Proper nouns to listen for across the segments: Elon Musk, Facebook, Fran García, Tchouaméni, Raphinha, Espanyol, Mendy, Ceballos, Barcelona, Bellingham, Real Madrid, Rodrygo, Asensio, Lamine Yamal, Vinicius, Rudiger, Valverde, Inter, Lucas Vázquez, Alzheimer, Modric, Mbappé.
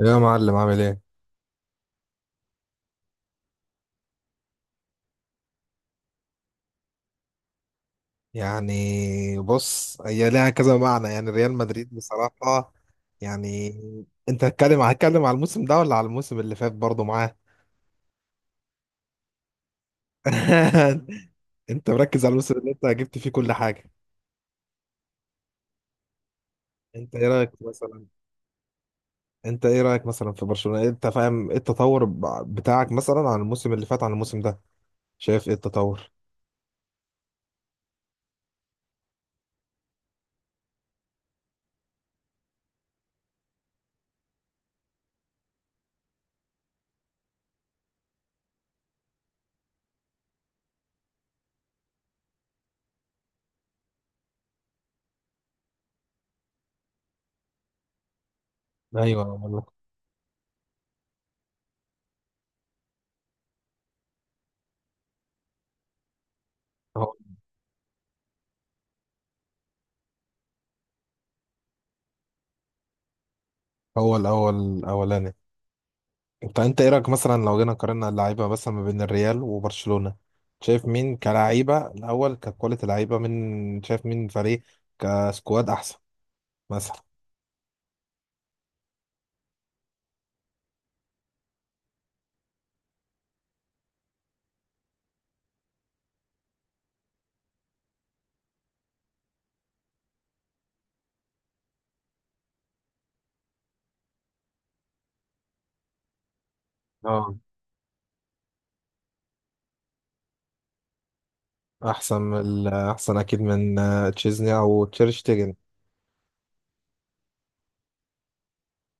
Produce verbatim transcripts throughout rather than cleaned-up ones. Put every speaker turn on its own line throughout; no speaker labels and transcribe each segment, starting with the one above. يا معلم، عامل ايه؟ يعني بص، هي ليها كذا معنى. يعني ريال مدريد بصراحة يعني. انت هتتكلم هتتكلم على الموسم ده ولا على الموسم اللي فات برضه معاه؟ انت مركز على الموسم اللي انت جبت فيه كل حاجة. انت ايه رأيك مثلا؟ انت ايه رأيك مثلا في برشلونة؟ انت فاهم ايه التطور ب- بتاعك مثلا عن الموسم اللي فات عن الموسم ده؟ شايف ايه التطور؟ ايوه والله. هو هو الاول الاولاني. طب انت ايه رايك مثلا لو جينا قارنا اللعيبه مثلا ما بين الريال وبرشلونه؟ شايف مين كلعيبه الاول ككواليتي لعيبه، من شايف مين فريق كسكواد احسن مثلا؟ اه، احسن من ال- احسن اكيد من آه، تشيزني او تشيرشتيجن.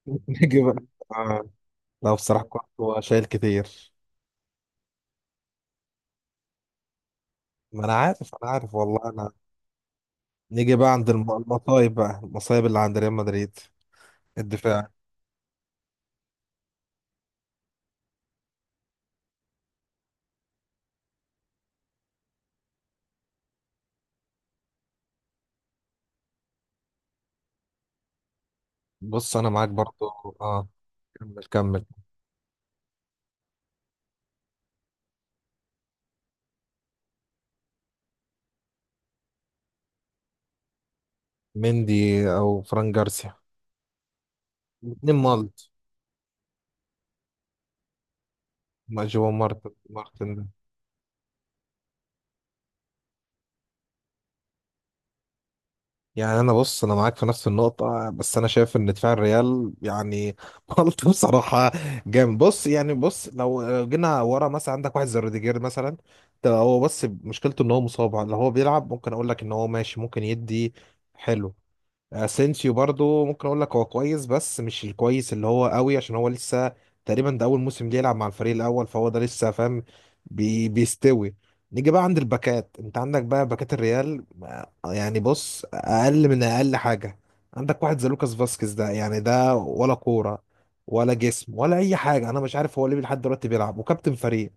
نيجي بقى. آه، لا بصراحه كنت شايل كتير. ما انا عارف، انا عارف والله انا. نيجي بقى عند الم- المصايب بقى، المصايب اللي عند ريال مدريد. الدفاع. بص انا معاك برضو. اه، كمل كمل. مندي او فران جارسيا. الاتنين مالت. ما جوا مارتن، مارتن ده. يعني انا، بص انا معاك في نفس النقطة، بس انا شايف ان دفاع الريال يعني مالت بصراحة جامد. بص يعني، بص لو لو جينا ورا مثلا عندك واحد زي روديجير مثلا، ده هو بس مشكلته ان هو مصاب. لو هو بيلعب ممكن اقول لك ان هو ماشي، ممكن يدي حلو. اسينسيو برضو ممكن اقول لك هو كويس، بس مش الكويس اللي هو قوي عشان هو لسه تقريبا ده اول موسم ليه يلعب مع الفريق الاول، فهو ده لسه فاهم. بي بيستوي. نيجي بقى عند الباكات. انت عندك بقى باكات الريال آه، يعني بص، اقل من اقل حاجه عندك واحد زي لوكاس فاسكيز ده، يعني ده ولا كوره ولا جسم ولا اي حاجه. انا مش عارف هو ليه لحد دلوقتي بيلعب وكابتن فريق.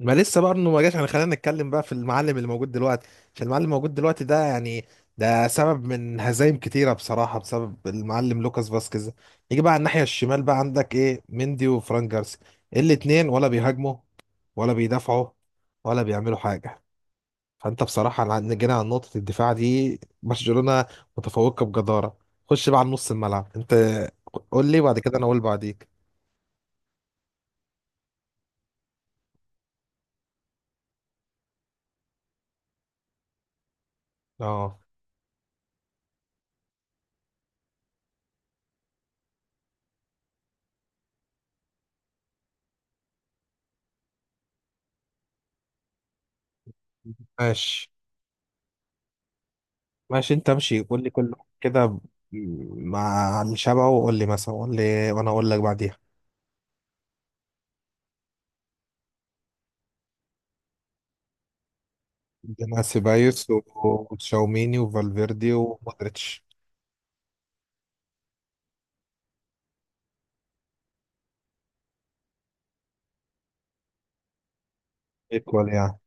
ما لسه بقى انه ما جاش، يعني خلينا نتكلم بقى في المعلم اللي موجود دلوقتي، عشان المعلم الموجود دلوقتي ده يعني ده سبب من هزايم كتيره بصراحه، بسبب المعلم لوكاس فاسكيز. يجي بقى على الناحيه الشمال، بقى عندك ايه مندي وفران جارسيا، الاتنين ولا بيهاجموا ولا بيدافعوا ولا بيعملوا حاجه. فانت بصراحه لع- جينا على نقطه الدفاع دي، برشلونه متفوقه بجداره. خش بقى على نص الملعب انت، قول لي بعد كده انا اقول بعديك. اه، ماشي. ماشي انت امشي قول لي كله كده ب- مع الشبع، وقول لي مثلا، قول لي وانا اقول لك بعديها. عندنا سيبايوس و- وتشاوميني وفالفيردي ومودريتش. ايكوال يعني.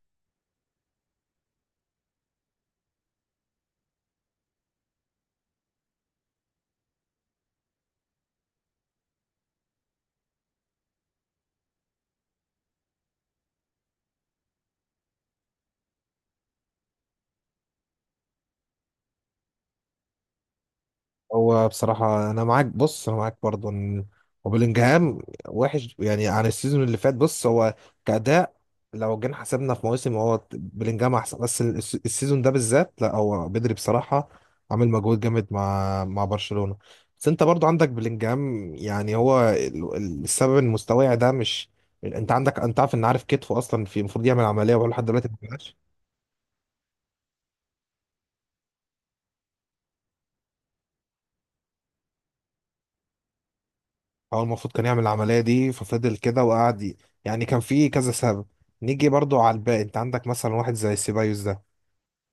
هو بصراحة أنا معاك، بص أنا معاك برضه إن وبلينجهام وحش يعني عن السيزون اللي فات. بص هو كأداء لو جينا حسبنا في مواسم هو بلينجهام أحسن، بس الس- السيزون ده بالذات لا، هو بدري بصراحة عامل مجهود جامد مع مع برشلونة. بس أنت برضه عندك بلينجهام، يعني هو ال- ال- السبب إن مستواه ده مش، أنت عندك، أنت عارف إن، عارف كتفه أصلا في المفروض يعمل عملية وهو لحد دلوقتي ما. هو المفروض كان يعمل العملية دي، ففضل كده وقعد ي- يعني كان في كذا سبب. نيجي برضو على الباقي، انت عندك مثلا واحد زي سيبايوس ده،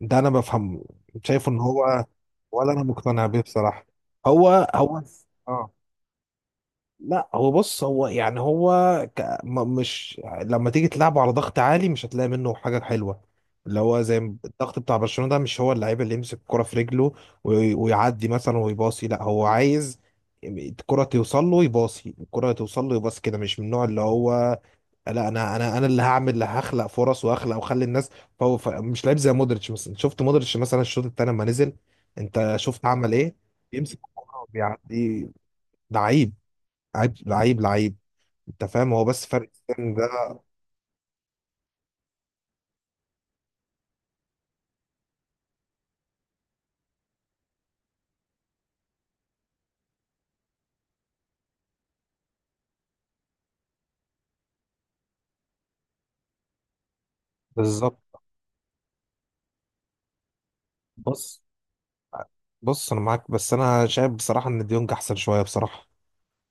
ده انا بفهمه، شايفه ان هو، ولا انا مقتنع بيه بصراحة. هو هو، اه، لا هو بص، هو يعني هو ك... م- مش لما تيجي تلعبه على ضغط عالي مش هتلاقي منه حاجة حلوة. اللي هو زي ما- الضغط بتاع برشلونة ده، مش هو اللعيب اللي يمسك الكرة في رجله وي... ويعدي مثلا ويباصي. لا هو عايز الكرة توصل له يباصي، الكرة توصل له يباصي كده. مش من النوع اللي هو، لا انا انا انا اللي هعمل، اللي هخلق فرص واخلق واخلي الناس. فهو ف... مش لعيب زي مودريتش مثلا. شفت مودريتش مثلا الشوط التاني لما نزل، انت شفت عمل ايه؟ بيمسك الكرة وبيعدي. لعيب لعيب لعيب لعيب. انت فاهم؟ هو بس فرق السن ده. بالظبط. بص، بص انا معاك بس انا شايف بصراحه ان ديونج احسن شويه بصراحه.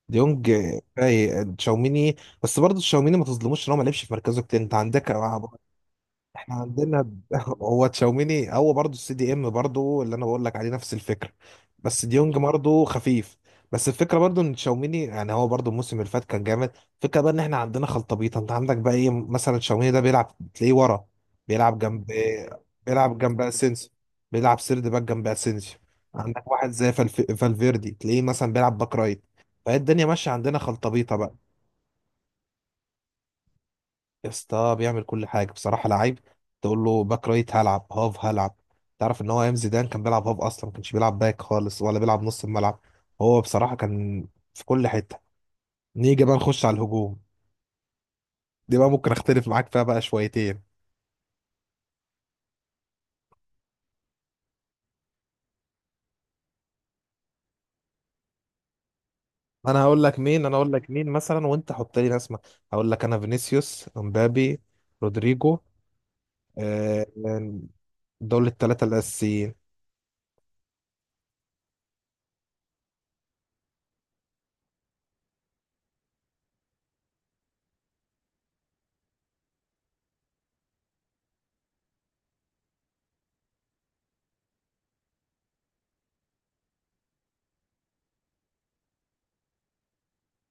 ديونج فايق تشاوميني. بس برضه تشاوميني ما تظلموش ان هو ما لعبش في مركزه كتير. انت عندك آه، احنا عندنا ب- هو تشاوميني، هو برضه السي دي ام، برضه اللي انا بقول لك عليه نفس الفكره. بس ديونج برضه خفيف. بس الفكره برضه ان تشاوميني، يعني هو برضه الموسم اللي فات كان جامد. الفكره بقى ان احنا عندنا خلطبيطه. انت عندك بقى ايه مثلا، تشاوميني ده بيلعب تلاقيه ورا، بيلعب جنب، بيلعب جنب اسينسيو، بيلعب سيرد باك جنب اسينسيو. عندك واحد زي فالف... فالفيردي تلاقيه مثلا بيلعب باك رايت. فهي الدنيا ماشيه، عندنا خلطبيطه بقى. يا اسطى بيعمل كل حاجه بصراحه، لعيب. تقول له باك رايت هلعب، هاف هلعب. تعرف ان هو ايام زيدان كان بيلعب هاف، اصلا ما كانش بيلعب باك خالص ولا بيلعب نص الملعب. هو بصراحه كان في كل حته. نيجي بقى نخش على الهجوم، دي بقى ممكن اختلف معاك فيها بقى شويتين. انا هقول لك مين، انا هقول لك مين مثلا وانت حط لي ناس ما- هقول لك انا: فينيسيوس، امبابي، رودريجو. آه، دول الثلاثه الاساسيين.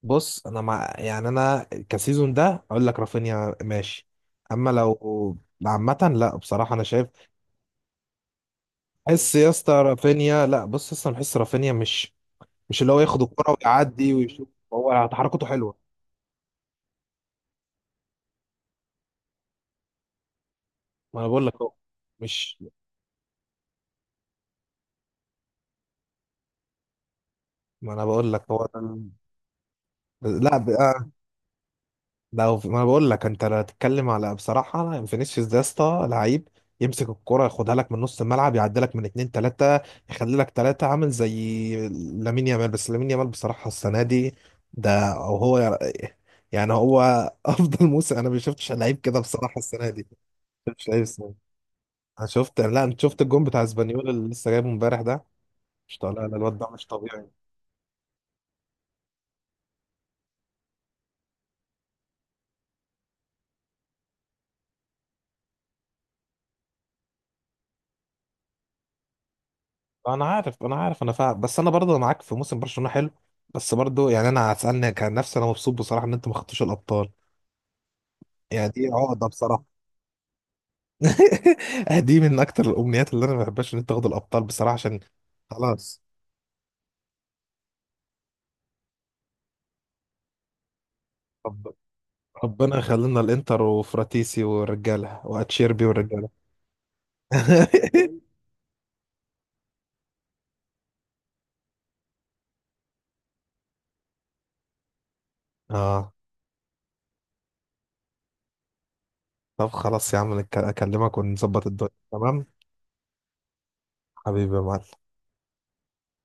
بص انا مع، يعني انا كسيزون ده اقول لك رافينيا ماشي، اما لو عامة لا بصراحة انا شايف. حس يا اسطى، رافينيا لا، بص اصلا بحس رافينيا مش، مش اللي هو ياخد الكرة ويعدي ويشوف. هو تحركته حلوة. ما انا بقول لك هو مش، ما انا بقول لك هو ده. ال- لا، لو في- ما انا بقول لك انت لو هتتكلم على بصراحه، فينيسيوس ده يا اسطى لعيب، يمسك الكرة ياخدها لك من نص الملعب، يعدلك من اتنين تلاتة، يخلي لك تلاتة، عامل زي لامين يامال. بس لامين يامال بصراحة السنة دي، ده أو هو يعني هو أفضل موسم. أنا ما شفتش لعيب كده بصراحة السنة دي. ما شفتش لعيب السنة دي. أنا شفت، لا أنت شفت الجون بتاع اسبانيول اللي لسه جايبه امبارح ده، مش طالع. لا الواد ده مش طبيعي. انا عارف، انا عارف، انا فاهم. بس انا برضه معاك في موسم برشلونه حلو، بس برضه يعني انا هتسالني، كان نفسي، انا مبسوط بصراحه ان انتوا ما خدتوش الابطال. يعني دي عقده بصراحه. دي من اكتر الامنيات اللي انا ما بحبهاش، ان انت تاخد الابطال بصراحه عشان. خلاص. رب- ربنا يخلينا الانتر وفراتيسي والرجاله واتشيربي والرجاله. اه. طب خلاص يا عم، نك- اكلمك ونظبط الدنيا تمام. حبيبي يا معلم.